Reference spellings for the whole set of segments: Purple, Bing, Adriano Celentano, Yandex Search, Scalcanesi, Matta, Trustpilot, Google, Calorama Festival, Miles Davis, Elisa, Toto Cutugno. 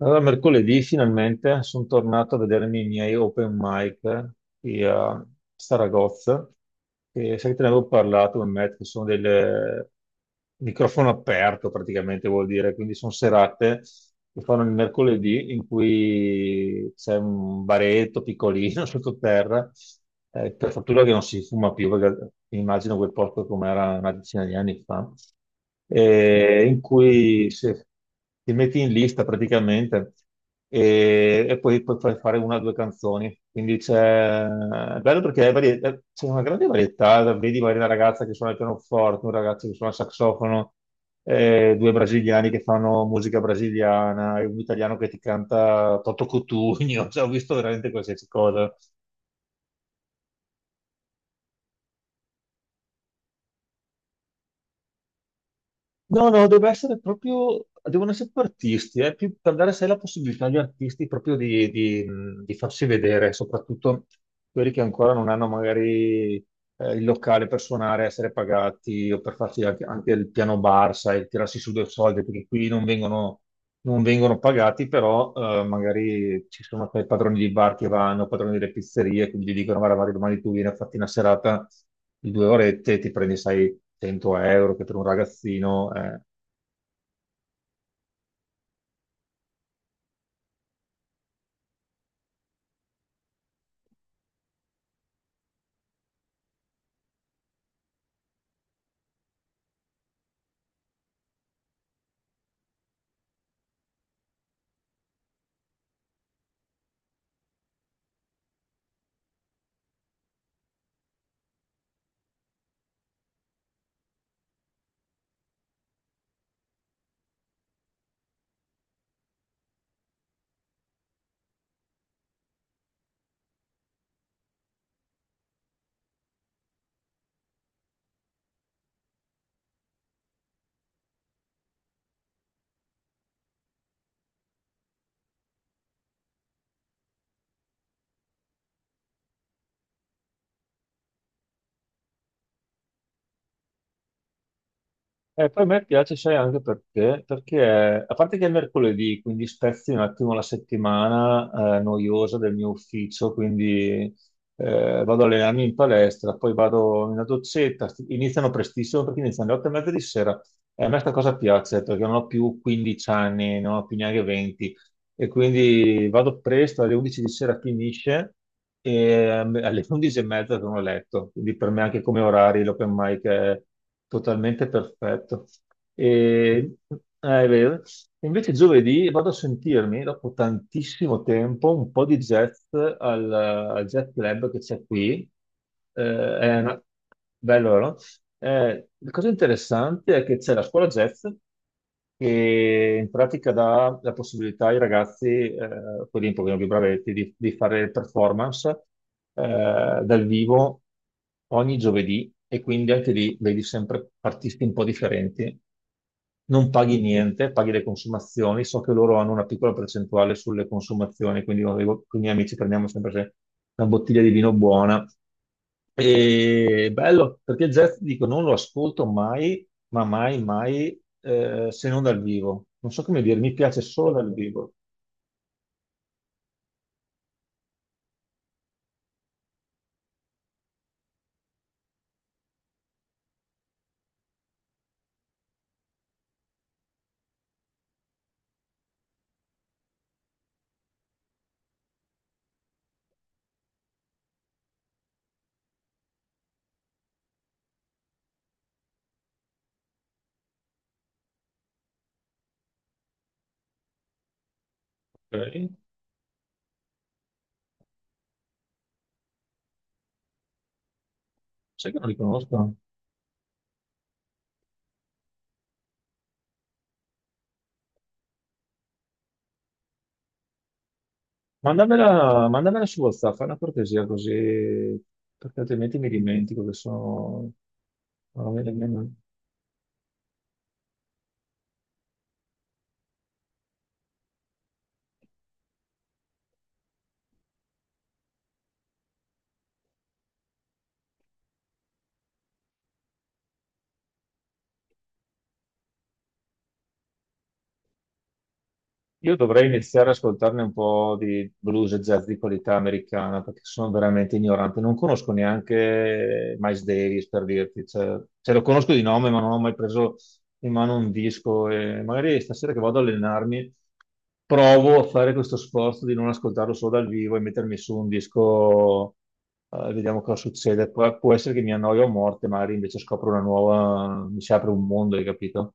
Allora, mercoledì finalmente sono tornato a vedermi i miei open mic qui a Saragozza, che sai che te ne avevo parlato con Matt, che sono del microfono aperto praticamente vuol dire, quindi sono serate che fanno il mercoledì in cui c'è un baretto piccolino sottoterra, per fortuna che non si fuma più, perché immagino quel posto com'era una decina di anni fa in cui se- ti metti in lista praticamente e poi puoi far fare una o due canzoni. Quindi è bello perché c'è una grande varietà, vedi magari una ragazza che suona il pianoforte, un ragazzo che suona il saxofono, due brasiliani che fanno musica brasiliana, e un italiano che ti canta Toto Cutugno, cioè, ho visto veramente qualsiasi cosa. No, no, deve essere proprio, devono essere proprio artisti, più per dare sai la possibilità agli artisti proprio di farsi vedere, soprattutto quelli che ancora non hanno magari il locale per suonare, essere pagati o per farsi anche, anche il piano bar, sai, tirarsi su due soldi, perché qui non vengono pagati, però magari ci sono sai, padroni di bar che vanno, padroni delle pizzerie, quindi gli dicono, guarda, Mario, domani tu vieni a farti una serata di due orette, ti prendi, sai, 100 euro, che per un ragazzino E poi a me piace, sai, anche perché, perché a parte che è mercoledì, quindi spezzi un attimo la settimana noiosa del mio ufficio, quindi vado a allenarmi in palestra, poi vado in una dozzetta, iniziano prestissimo perché iniziano alle 8 e mezza di sera. E a me sta cosa piace perché non ho più 15 anni, non ho più neanche 20, e quindi vado presto, alle 11 di sera finisce e alle 11 e mezza sono a letto, quindi per me anche come orari l'open mic è totalmente perfetto. E, ah, è vero. Invece giovedì vado a sentirmi, dopo tantissimo tempo, un po' di jazz al jazz club che c'è qui. Eh, è una- Bello, no? La cosa interessante è che c'è la scuola jazz che in pratica dà la possibilità ai ragazzi, quelli un pochino più bravetti, di fare performance dal vivo ogni giovedì e quindi anche lì vedi sempre artisti un po' differenti. Non paghi niente, paghi le consumazioni. So che loro hanno una piccola percentuale sulle consumazioni, quindi io dico, con i miei amici prendiamo sempre una bottiglia di vino buona. E bello, perché jazz, dico, non lo ascolto mai, ma mai, mai, se non dal vivo. Non so come dire, mi piace solo dal vivo. Ok? Sai che non li conosco? Mandamela, mandamela su WhatsApp, fai una cortesia così, perché altrimenti mi dimentico che sono... non mi- Io dovrei iniziare ad ascoltarne un po' di blues e jazz di qualità americana perché sono veramente ignorante. Non conosco neanche Miles Davis per dirti, cioè, lo conosco di nome, ma non ho mai preso in mano un disco. E magari stasera che vado ad allenarmi provo a fare questo sforzo di non ascoltarlo solo dal vivo e mettermi su un disco, vediamo cosa succede. Può essere che mi annoio a morte, magari invece scopro una nuova, mi si apre un mondo, hai capito?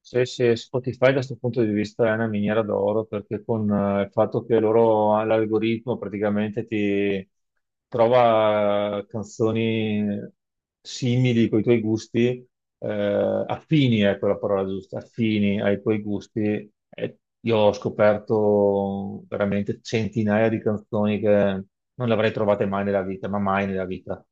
Sì, sì, Spotify da questo punto di vista è una miniera d'oro perché con il fatto che loro l'algoritmo praticamente ti trova canzoni simili con i tuoi gusti, affini, ecco la parola giusta, affini ai tuoi gusti. E io ho scoperto veramente centinaia di canzoni che non le avrei trovate mai nella vita, ma mai nella vita.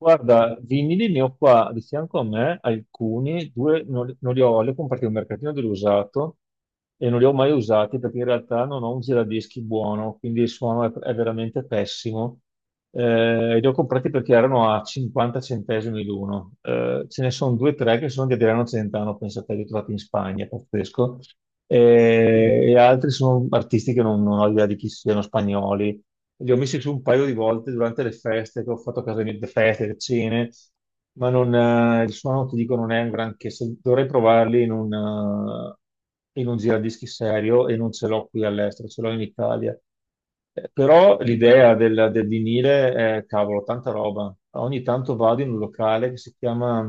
Guarda, vinili ne ho qua di fianco a me alcuni, due non, li non li ho, li ho comprati al mercatino dell'usato e non li ho mai usati perché in realtà non ho un giradischi buono, quindi il suono è veramente pessimo. Li ho comprati perché erano a 50 centesimi l'uno. Ce ne sono due o tre che sono di Adriano Celentano, pensate, li ho trovati in Spagna, pazzesco. Altri sono artisti che non ho idea di chi siano, spagnoli. Li ho messi su un paio di volte durante le feste che ho fatto a casa mia, le feste, le cene, ma non, il suono, ti dico, non è un granché. Dovrei provarli in un giradischi serio e non ce l'ho qui all'estero, ce l'ho in Italia. Però l'idea del vinile è, cavolo, tanta roba. Ogni tanto vado in un locale che si chiama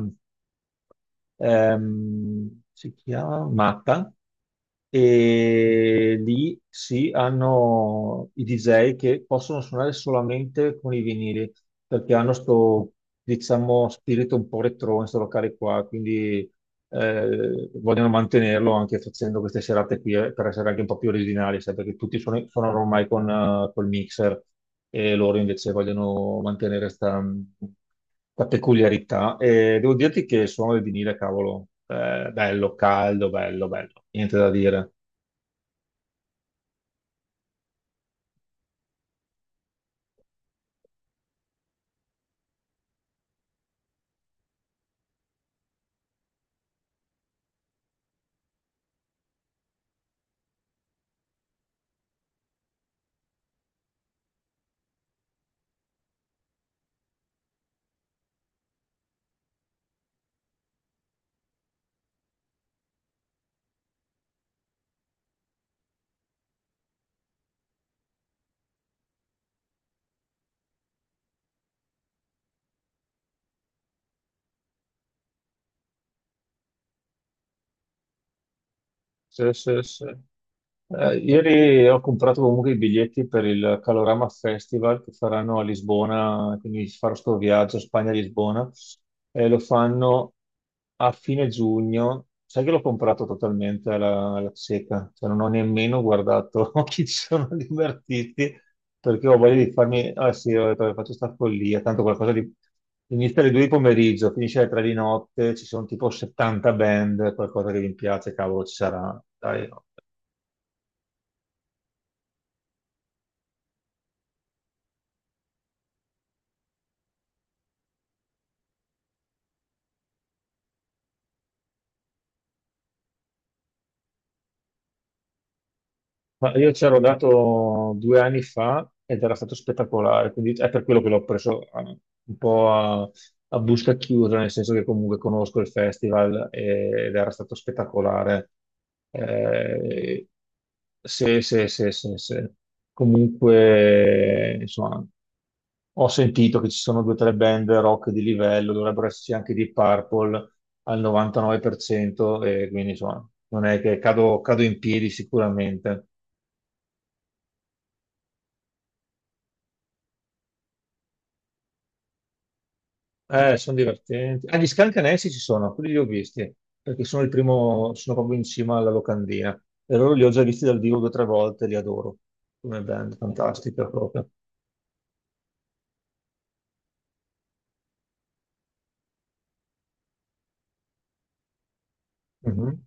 ehm, si chiama Matta, e lì sì, hanno i DJ che possono suonare solamente con i vinili, perché hanno sto, diciamo, spirito un po' retro in sto locale qua, quindi vogliono mantenerlo anche facendo queste serate qui per essere anche un po' più originali, sai, perché tutti sono ormai con col mixer e loro invece vogliono mantenere questa peculiarità. E devo dirti che il suono del vinile, cavolo, bello, caldo, bello, bello, niente da dire. Sì, sì, sì. Ieri ho comprato comunque i biglietti per il Calorama Festival che faranno a Lisbona, quindi farò sto viaggio Spagna-Lisbona e lo fanno a fine giugno. Sai che l'ho comprato totalmente alla cieca, cioè non ho nemmeno guardato chi ci sono gli artisti perché ho voglia di farmi, ah sì, ho detto, faccio sta follia, tanto qualcosa di... Inizia alle 2 di pomeriggio, finisce alle 3 di notte, ci sono tipo 70 band, qualcosa che vi piace, cavolo, ci sarà. Dai, no. Ma io c'ero dato 2 anni fa ed era stato spettacolare, quindi è per quello che l'ho preso un po' a busca chiusa, nel senso che comunque conosco il festival ed era stato spettacolare. Eh, sì, sì, sì, sì, sì. Comunque, insomma, ho sentito che ci sono due o tre band rock di livello, dovrebbero esserci anche di Purple al 99%, e quindi insomma, non è che cado in piedi sicuramente. Sono divertenti. Ah, gli Scalcanesi ci sono, quelli li ho visti, perché sono il primo, sono proprio in cima alla locandina. E loro li ho già visti dal vivo due o tre volte, li adoro. Come band, fantastica proprio. Mhm.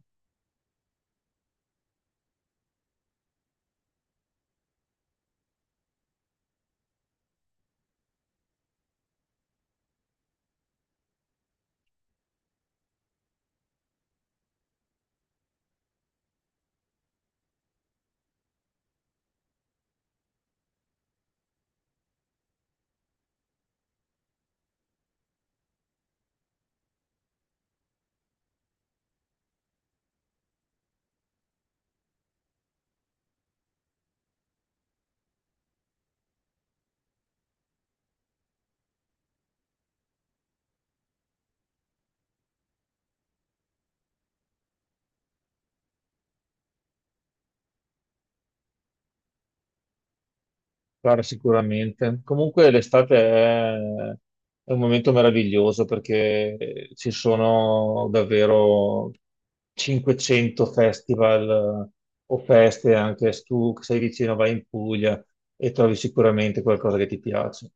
Guarda, sicuramente. Comunque l'estate è un momento meraviglioso perché ci sono davvero 500 festival o feste, anche se tu sei vicino, vai in Puglia e trovi sicuramente qualcosa che ti piace.